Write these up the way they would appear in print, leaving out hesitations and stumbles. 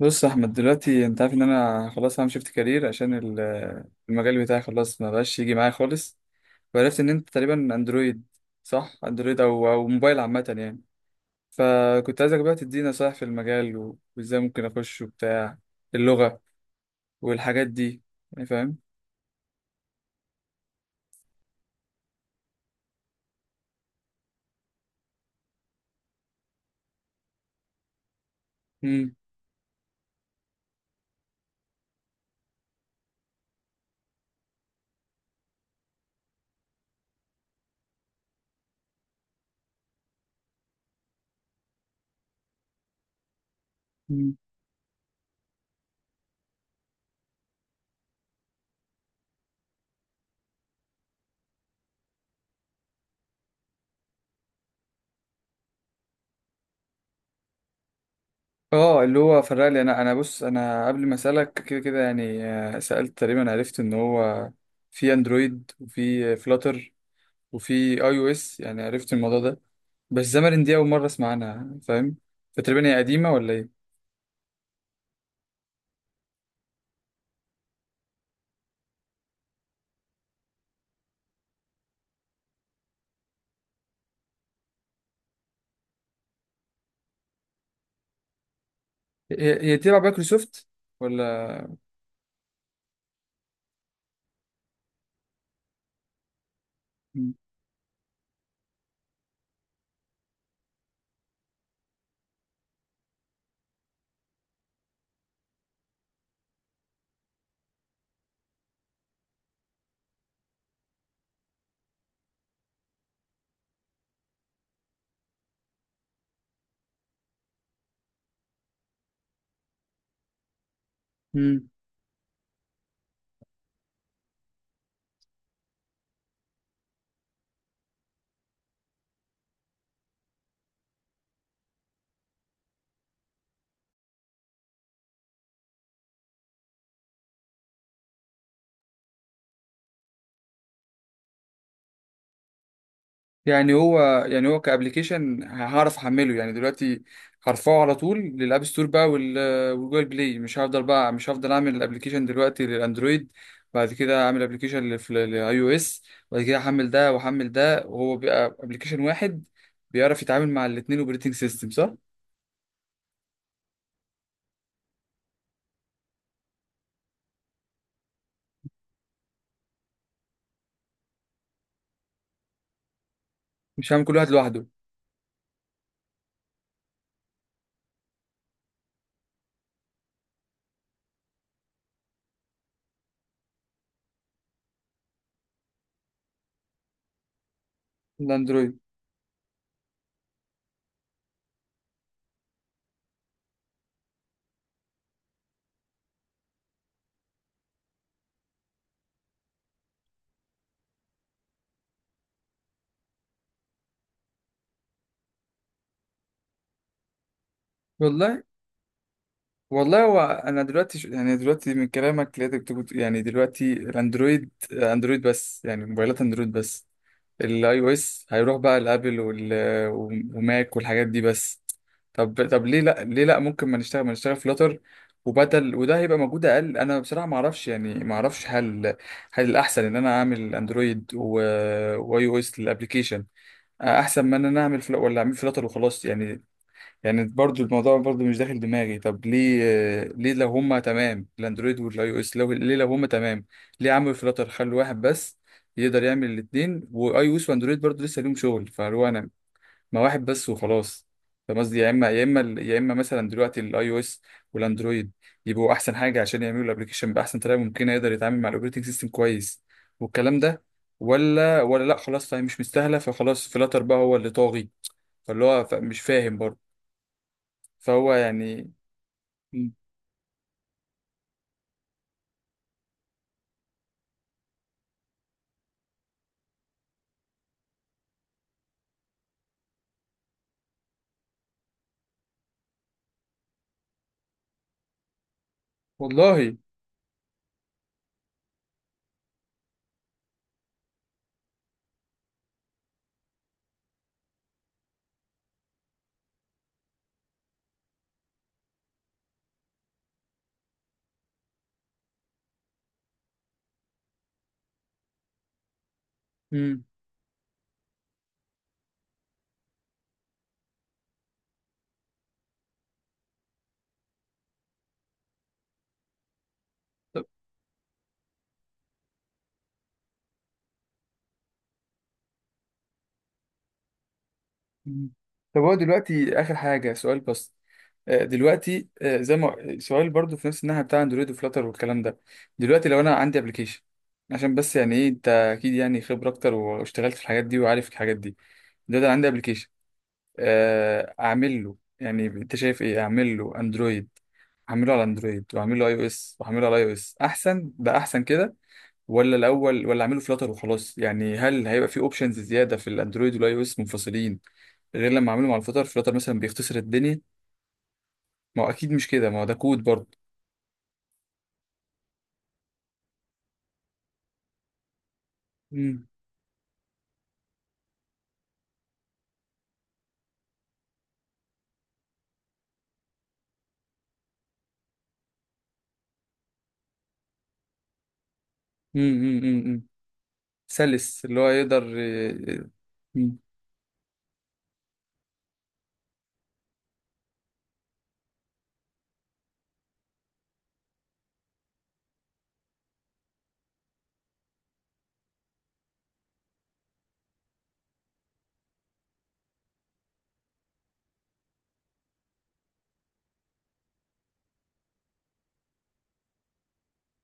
بص يا احمد، دلوقتي انت عارف ان انا خلاص هعمل شيفت كارير عشان المجال بتاعي خلاص ما بقاش يجي معايا خالص. وعرفت ان انت تقريبا اندرويد، صح؟ اندرويد او موبايل عامه يعني. فكنت عايزك بقى تدينا نصايح في المجال و- وازاي ممكن اخش وبتاع اللغه والحاجات دي، يعني فاهم. امم مم. اه، اللي هو فرق لي. انا بص، انا قبل ما اسالك كده كده يعني، سالت تقريبا، عرفت ان هو في اندرويد وفي فلاتر وفي اي او اس، يعني عرفت الموضوع ده. بس زمرين دي أول مرة أسمع عنها، فاهم؟ فتقريبا هي قديمة ولا إيه؟ هي تبع مايكروسوفت ولا؟ مم. يعني هو. يعني هو كأبليكيشن هعرف أحمله يعني دلوقتي، هرفعه على طول للأب ستور بقى وال- والجوجل بلاي. مش هفضل أعمل الأبليكيشن دلوقتي للأندرويد، بعد كده أعمل أبليكيشن للأي أو إس. بعد كده أحمل ده وأحمل ده، وهو بيبقى أبليكيشن واحد بيعرف يتعامل مع الاتنين أوبريتنج سيستم، صح؟ مش هعمل كل واحد لوحده. الأندرويد. والله، والله هو انا دلوقتي يعني دلوقتي من كلامك لقيتك بتقول يعني دلوقتي، الاندرويد اندرويد بس، يعني موبايلات اندرويد بس. الاي او اس هيروح بقى لابل وال... وماك والحاجات دي بس. طب ليه لا ممكن ما نشتغل فلاتر، وبدل وده هيبقى موجود اقل. انا بصراحه ما اعرفش، يعني ما اعرفش هل الاحسن ان انا اعمل اندرويد و... واي او اس للابلكيشن، احسن ما ان انا اعمل ولا اعمل فلاتر وخلاص يعني؟ يعني برضو الموضوع برضو مش داخل دماغي. طب ليه لو هما تمام الاندرويد والاي او اس، لو ليه لو هما تمام، ليه عملوا فلاتر؟ خلوا واحد بس يقدر يعمل الاثنين واي او اس واندرويد. برضو لسه ليهم شغل، فهو انا ما واحد بس وخلاص. فاهم قصدي؟ يا اما مثلا دلوقتي الاي او اس والاندرويد يبقوا احسن حاجه عشان يعملوا الابلكيشن باحسن طريقه ممكنه، يقدر يتعامل مع الاوبريتنج سيستم كويس، والكلام ده. ولا لا خلاص، طيب مش مستاهله، فخلاص فلاتر بقى هو اللي طاغي. فاللي هو مش فاهم برضه. فهو يعني. مم. والله. مم. طب. مم. طب هو دلوقتي آخر حاجة، سؤال بس. دلوقتي، زي ما سؤال برضو في نفس الناحية بتاع اندرويد وفلاتر والكلام ده. دلوقتي لو أنا عندي ابلكيشن، عشان بس يعني إيه، أنت أكيد يعني خبرة أكتر واشتغلت في الحاجات دي وعارف الحاجات دي. دلوقتي أنا عندي ابلكيشن، أعمل له يعني، أنت شايف إيه أعمل له؟ أندرويد، أعمله على أندرويد وأعمله على أي أو إس، وأعمله على أي أو إس أحسن، ده أحسن كده ولا الاول، ولا اعمله فلاتر وخلاص يعني؟ هل هيبقى في اوبشنز زياده في الاندرويد والاي او اس منفصلين غير لما اعمله مع الفلاتر؟ فلاتر مثلا بيختصر الدنيا. ما هو اكيد مش كده، ما هو ده كود برضه. امم. امم. امم. أمم. سلس، اللي هو يقدر أمم.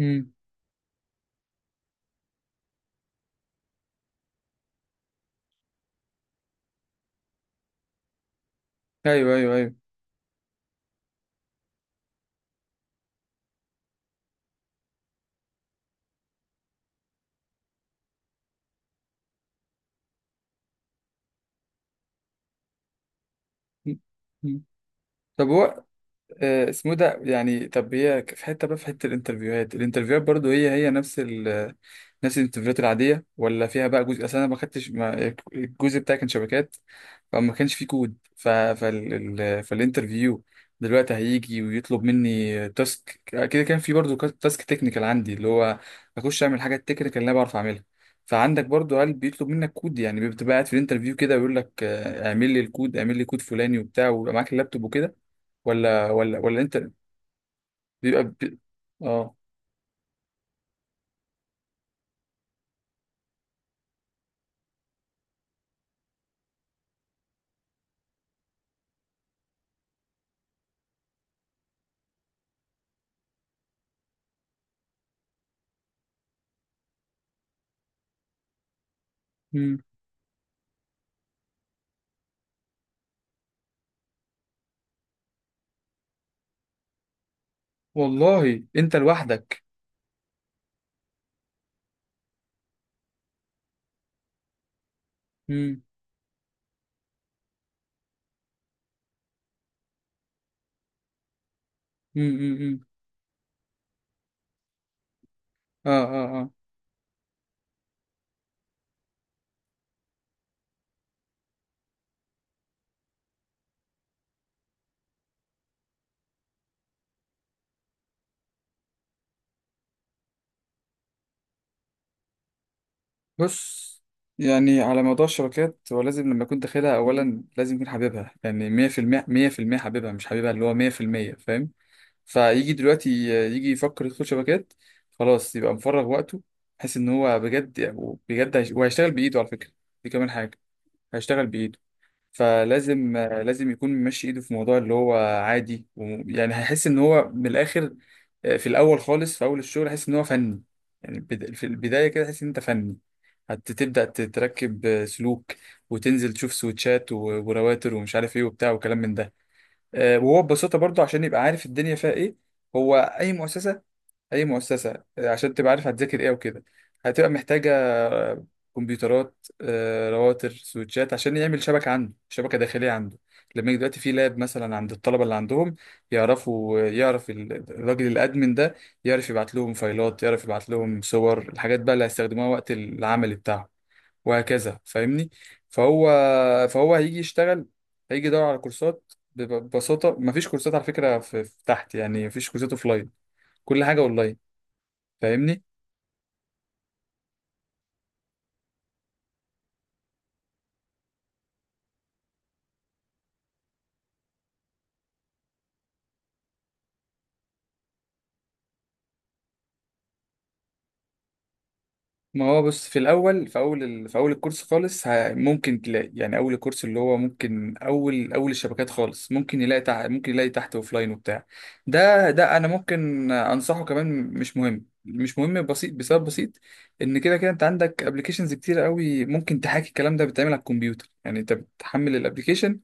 أمم. ايوه، ايوه، ايوه. أمم. أمم. طب هو، اسمه ده يعني. طب هي في حته بقى، في حته الانترفيوهات، الانترفيوهات برضه هي نفس الانترفيوهات العاديه، ولا فيها بقى جزء؟ اصل انا ما خدتش، الجزء بتاعي كان شبكات، فما كانش في كود. فالانترفيو دلوقتي هيجي ويطلب مني تاسك، كده كان في برضو تاسك تكنيكال عندي، اللي هو اخش اعمل حاجات تكنيكال اللي انا بعرف اعملها. فعندك برضو قال بيطلب منك كود؟ يعني بتبقى قاعد في الانترفيو كده ويقول لك، اعمل لي الكود، اعمل لي كود فلاني وبتاع، ويبقى معاك اللابتوب وكده، ولا انت؟ بيبقى بي... اه. مم. والله انت لوحدك؟ امم. امم. امم. اه. اه. بص، يعني على موضوع الشبكات، هو لازم لما يكون داخلها أولا لازم يكون حبيبها، يعني 100%، 100% حبيبها، مش حبيبها اللي هو 100%، فاهم؟ فيجي دلوقتي، يجي يفكر يدخل شبكات، خلاص يبقى مفرغ وقته، بحيث إن هو بجد بجد وهيشتغل بإيده، على فكرة. دي كمان حاجة، هيشتغل بإيده. فلازم يكون ماشي إيده في موضوع، اللي هو عادي. يعني هيحس إن هو من الآخر، في الأول خالص، في أول الشغل هيحس إن هو فني، يعني في البداية كده تحس إن أنت فني. هتبدأ تركب سلوك، وتنزل تشوف سويتشات و- ورواتر ومش عارف ايه وبتاع وكلام من ده، وهو ببساطة برضو، عشان يبقى عارف الدنيا فيها ايه. هو أي مؤسسة، أي مؤسسة، عشان تبقى عارف هتذاكر ايه وكده، هتبقى محتاجة آه، كمبيوترات، رواتر، سويتشات، عشان يعمل شبكة عنده، شبكة داخلية عنده. لما يجي دلوقتي في لاب مثلا عند الطلبة اللي عندهم، يعرفوا، يعرف الراجل الأدمن ده يعرف يبعت لهم فايلات، يعرف يبعت لهم صور، الحاجات بقى اللي هيستخدموها وقت العمل بتاعهم، وهكذا، فاهمني؟ فهو، فهو هيجي يشتغل، هيجي يدور على كورسات، ببساطة مفيش كورسات على فكرة في تحت، يعني مفيش كورسات اوفلاين، كل حاجة اونلاين، فاهمني؟ ما هو بص، في اول الكورس خالص، ممكن تلاقي يعني، اول الكورس اللي هو ممكن، اول الشبكات خالص ممكن يلاقي ممكن يلاقي تحت اوفلاين وبتاع. ده انا ممكن انصحه كمان، مش مهم، مش مهم، بسيط، بسبب بسيط، ان كده كده انت عندك ابلكيشنز كتير قوي، ممكن تحاكي الكلام ده بتتعمل على الكمبيوتر، يعني انت بتحمل الابلكيشن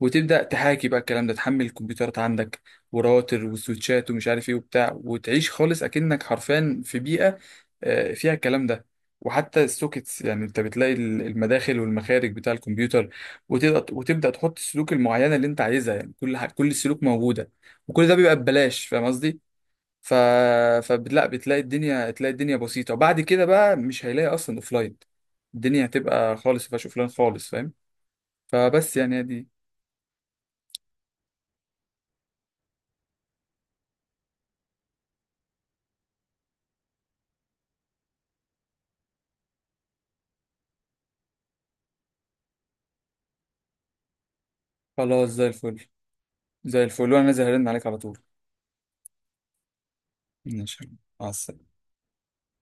وتبدا تحاكي بقى الكلام ده، تحمل الكمبيوترات عندك، وراوتر وسويتشات ومش عارف ايه وبتاع، وتعيش خالص اكنك حرفيا في بيئه فيها الكلام ده. وحتى السوكيتس، يعني انت بتلاقي المداخل والمخارج بتاع الكمبيوتر، وتبدا تحط السلوك المعينه اللي انت عايزها، يعني كل السلوك موجوده، وكل ده بيبقى ببلاش، فاهم قصدي؟ ف فلا بتلاقي الدنيا، تلاقي الدنيا بسيطه، وبعد كده بقى مش هيلاقي اصلا اوفلاين. الدنيا هتبقى خالص مفيهاش اوفلاين خالص، فاهم؟ فبس يعني دي. خلاص، زي الفل. زي الفل، وانا نازل هرن عليك على طول. ماشي، مع السلامة.